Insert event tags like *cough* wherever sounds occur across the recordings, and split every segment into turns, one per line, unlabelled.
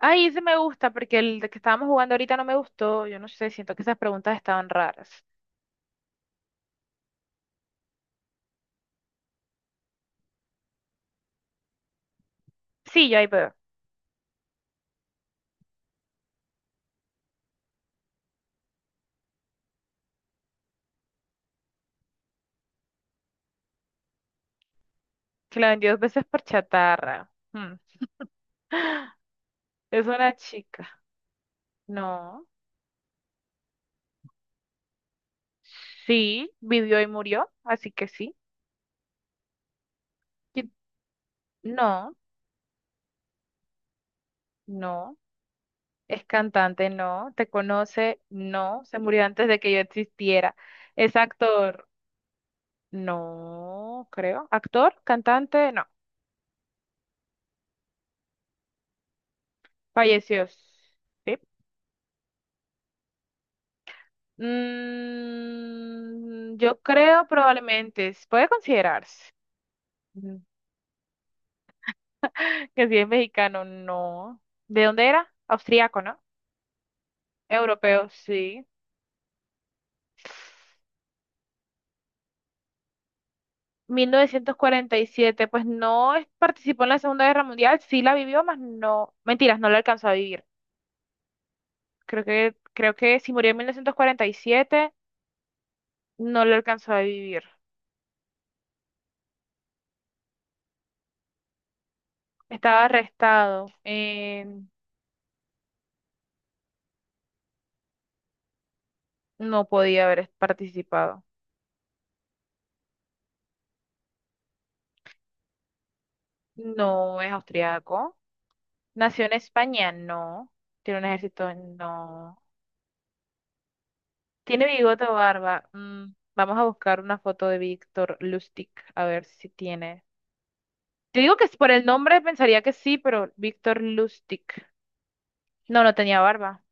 Ay, ese me gusta porque el de que estábamos jugando ahorita no me gustó. Yo no sé, siento que esas preguntas estaban raras. Sí, ya ahí veo. Que la vendió dos veces por chatarra. Hmm. *gasps* Es una chica. No. Sí, vivió y murió, así que sí. Y- No, no. Es cantante, no. Te conoce, no. Se murió antes de que yo existiera. Es actor, no, creo. Actor, cantante, no. Falleció. Sí. Yo creo probablemente, s- puede considerarse. Ujú. Que si es mexicano, no. ¿De dónde era? Austriaco, ¿no? Europeo, sí. Mil novecientos cuarenta y siete, pues no es- participó en la Segunda Guerra Mundial, sí la vivió, más no, mentiras, no la alcanzó a vivir. Creo que si murió en 1947 no lo alcanzó a vivir. Estaba arrestado, no podía haber participado. No es austriaco. ¿Nació en España? No. ¿Tiene un ejército? No. ¿Tiene bigote o barba? Vamos a buscar una foto de Víctor Lustig, a ver si tiene. Te digo que por el nombre pensaría que sí, pero Víctor Lustig. No, no tenía barba.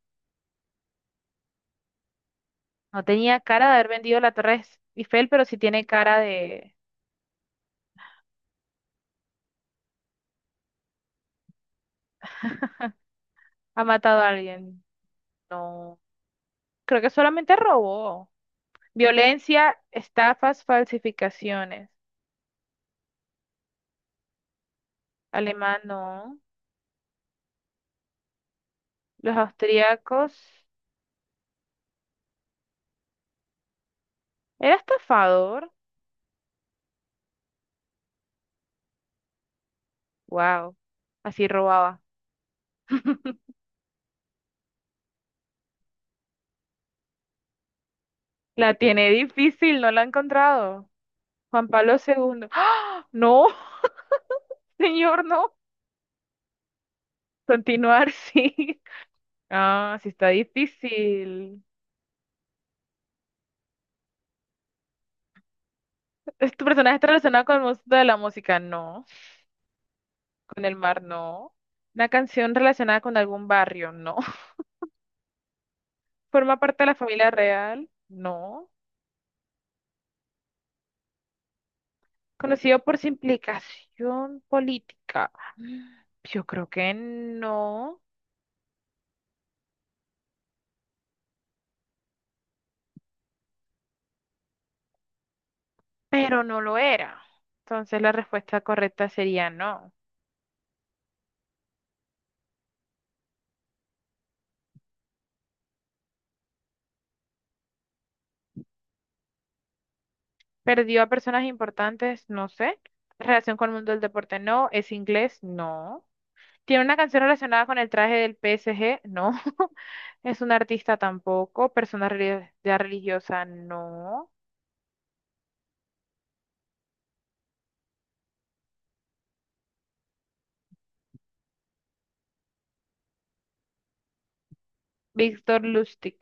No tenía cara de haber vendido la Torre Eiffel, pero sí tiene cara de... Ha matado a alguien. No. Creo que solamente robó. Violencia, estafas, falsificaciones. Alemán, no. Los austríacos. Era estafador. Wow, así robaba. La tiene difícil, no la ha encontrado. Juan Pablo segundo, ¡ah! No, *laughs* señor, no. Continuar, *laughs* sí. Ah, sí está difícil. ¿Es ¿Tu personaje está relacionado con el mundo de la música? No. ¿Con el mar? No. ¿Una canción relacionada con algún barrio? No. *laughs* ¿Forma parte de la familia real? No. ¿Conocido por su implicación política? Yo creo que no. Pero no lo era. Entonces la respuesta correcta sería no. Perdió a personas importantes, no sé. Relación con el mundo del deporte, no. Es inglés, no. Tiene una canción relacionada con el traje del PSG, no. *laughs* Es un artista tampoco. Persona reli- ya religiosa, no. Víctor Lustig.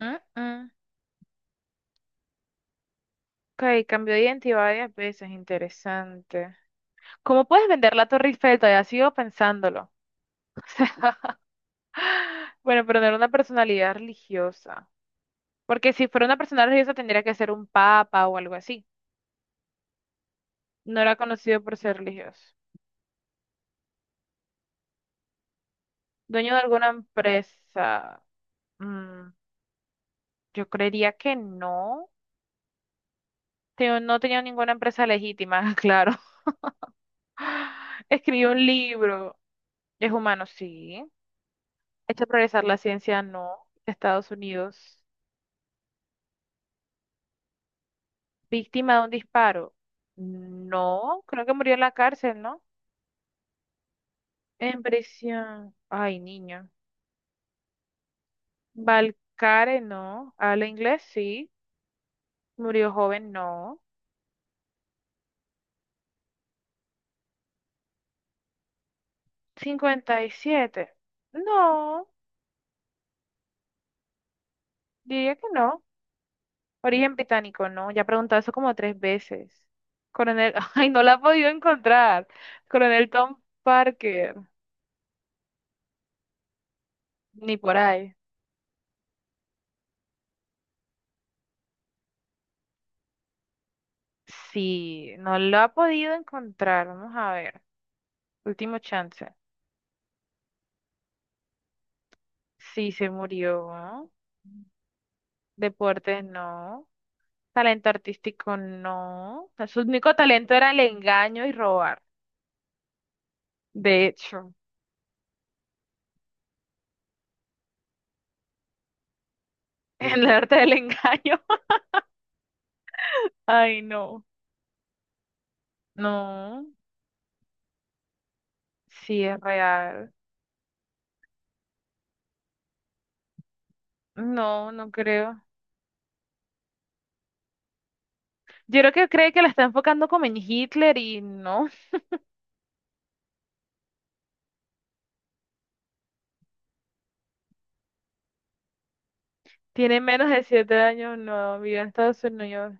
Mm, mm. Ok, cambió de identidad varias veces, interesante. ¿Cómo puedes vender la Torre Eiffel? Todavía sigo pensándolo. Bueno, pero no era una personalidad religiosa. Porque si fuera una persona religiosa tendría que ser un papa o algo así. No era conocido por ser religioso. Dueño de alguna empresa. mm, yo creería que no. No tenía ninguna empresa legítima, *laughs* claro. Escribió un libro. Es humano, sí. Hecho progresar la ciencia, no. Estados Unidos. Víctima de un disparo. No. Creo que murió en la cárcel, ¿no? En prisión. Ay, niño. Balcare, no. Habla inglés, sí. Murió joven, no. 57. No, diría que no. Origen británico, no. Ya he preguntado eso como 3 veces. Coronel, *laughs* ay, no la he podido encontrar. Coronel Tom Parker, ni por ahí. Sí, no lo ha podido encontrar. Vamos a ver. Último chance. Sí, se murió. Deportes, no. Talento artístico, no. Su único talento era el engaño y robar. De hecho. *laughs* El arte del engaño. *laughs* Ay, no. No. Sí, es real. No, no creo. Yo creo que cree que la está enfocando como en Hitler y no. *laughs* Tiene menos de siete años, no. Vive en Estados Unidos.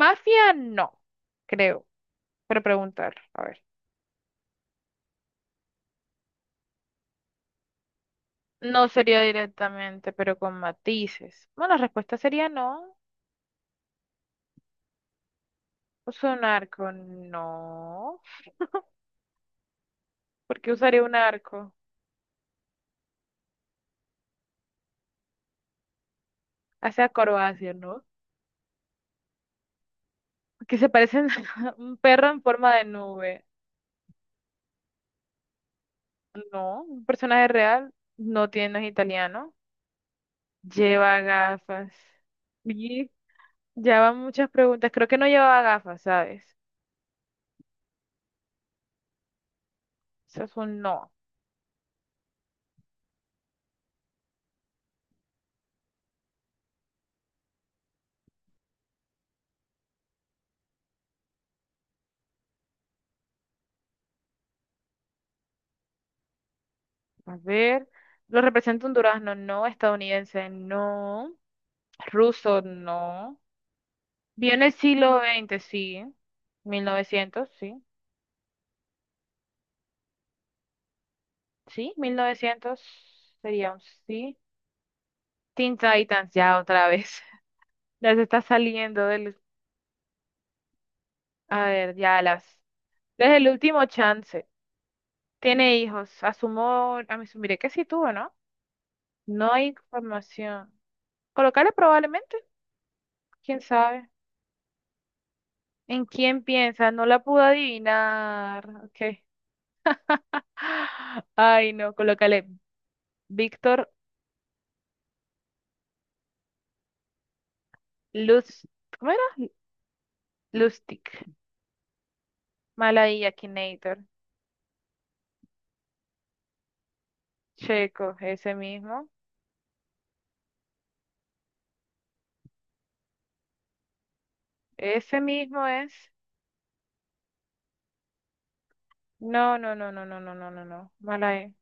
Mafia, no. Creo. Pero preguntar. A ver. No sería directamente, pero con matices. Bueno, la respuesta sería no. Uso un arco, no. ¿Por qué usaría un arco? Hace acrobacia, ¿no? Que se parecen *laughs* un perro en forma de nube. No, un personaje real no tiene, no es italiano. Lleva gafas. Y ya van muchas preguntas. Creo que no llevaba gafas, ¿sabes? Eso es un no. A ver. ¿Lo representa un durazno? No. Estadounidense, no. Ruso, no. Vio en el siglo XX, sí. 1900, sí. Sí, 1900 sería un sí. Teen Titans, ya otra vez. *laughs* Ya se está saliendo del. A ver, ya las. Desde el último chance. Tiene hijos. Asumo, a mí asumiré que sí tuvo, ¿no? No hay información. Colocarle probablemente, quién sabe. ¿En quién piensa? No la pude adivinar. Ok. *gasps* Ay, no, colócale Víctor Luz. ¿Cómo era? Lustig. Malaya Akinator. Checo, ese mismo. Ese mismo es. No, no, no, no, no, no, no, no, no. Malay.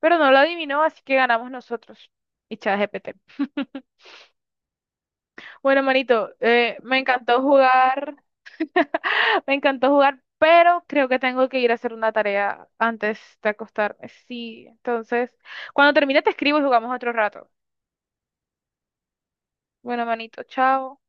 Pero no lo adivinó, así que ganamos nosotros. Y ChatGPT. Bueno, manito, me encantó jugar, *gasps* *laughs* me encantó jugar, pero creo que tengo que ir a hacer una tarea antes de acostarme. Sí, entonces, cuando termine te escribo y jugamos otro rato. Bueno, manito, chao.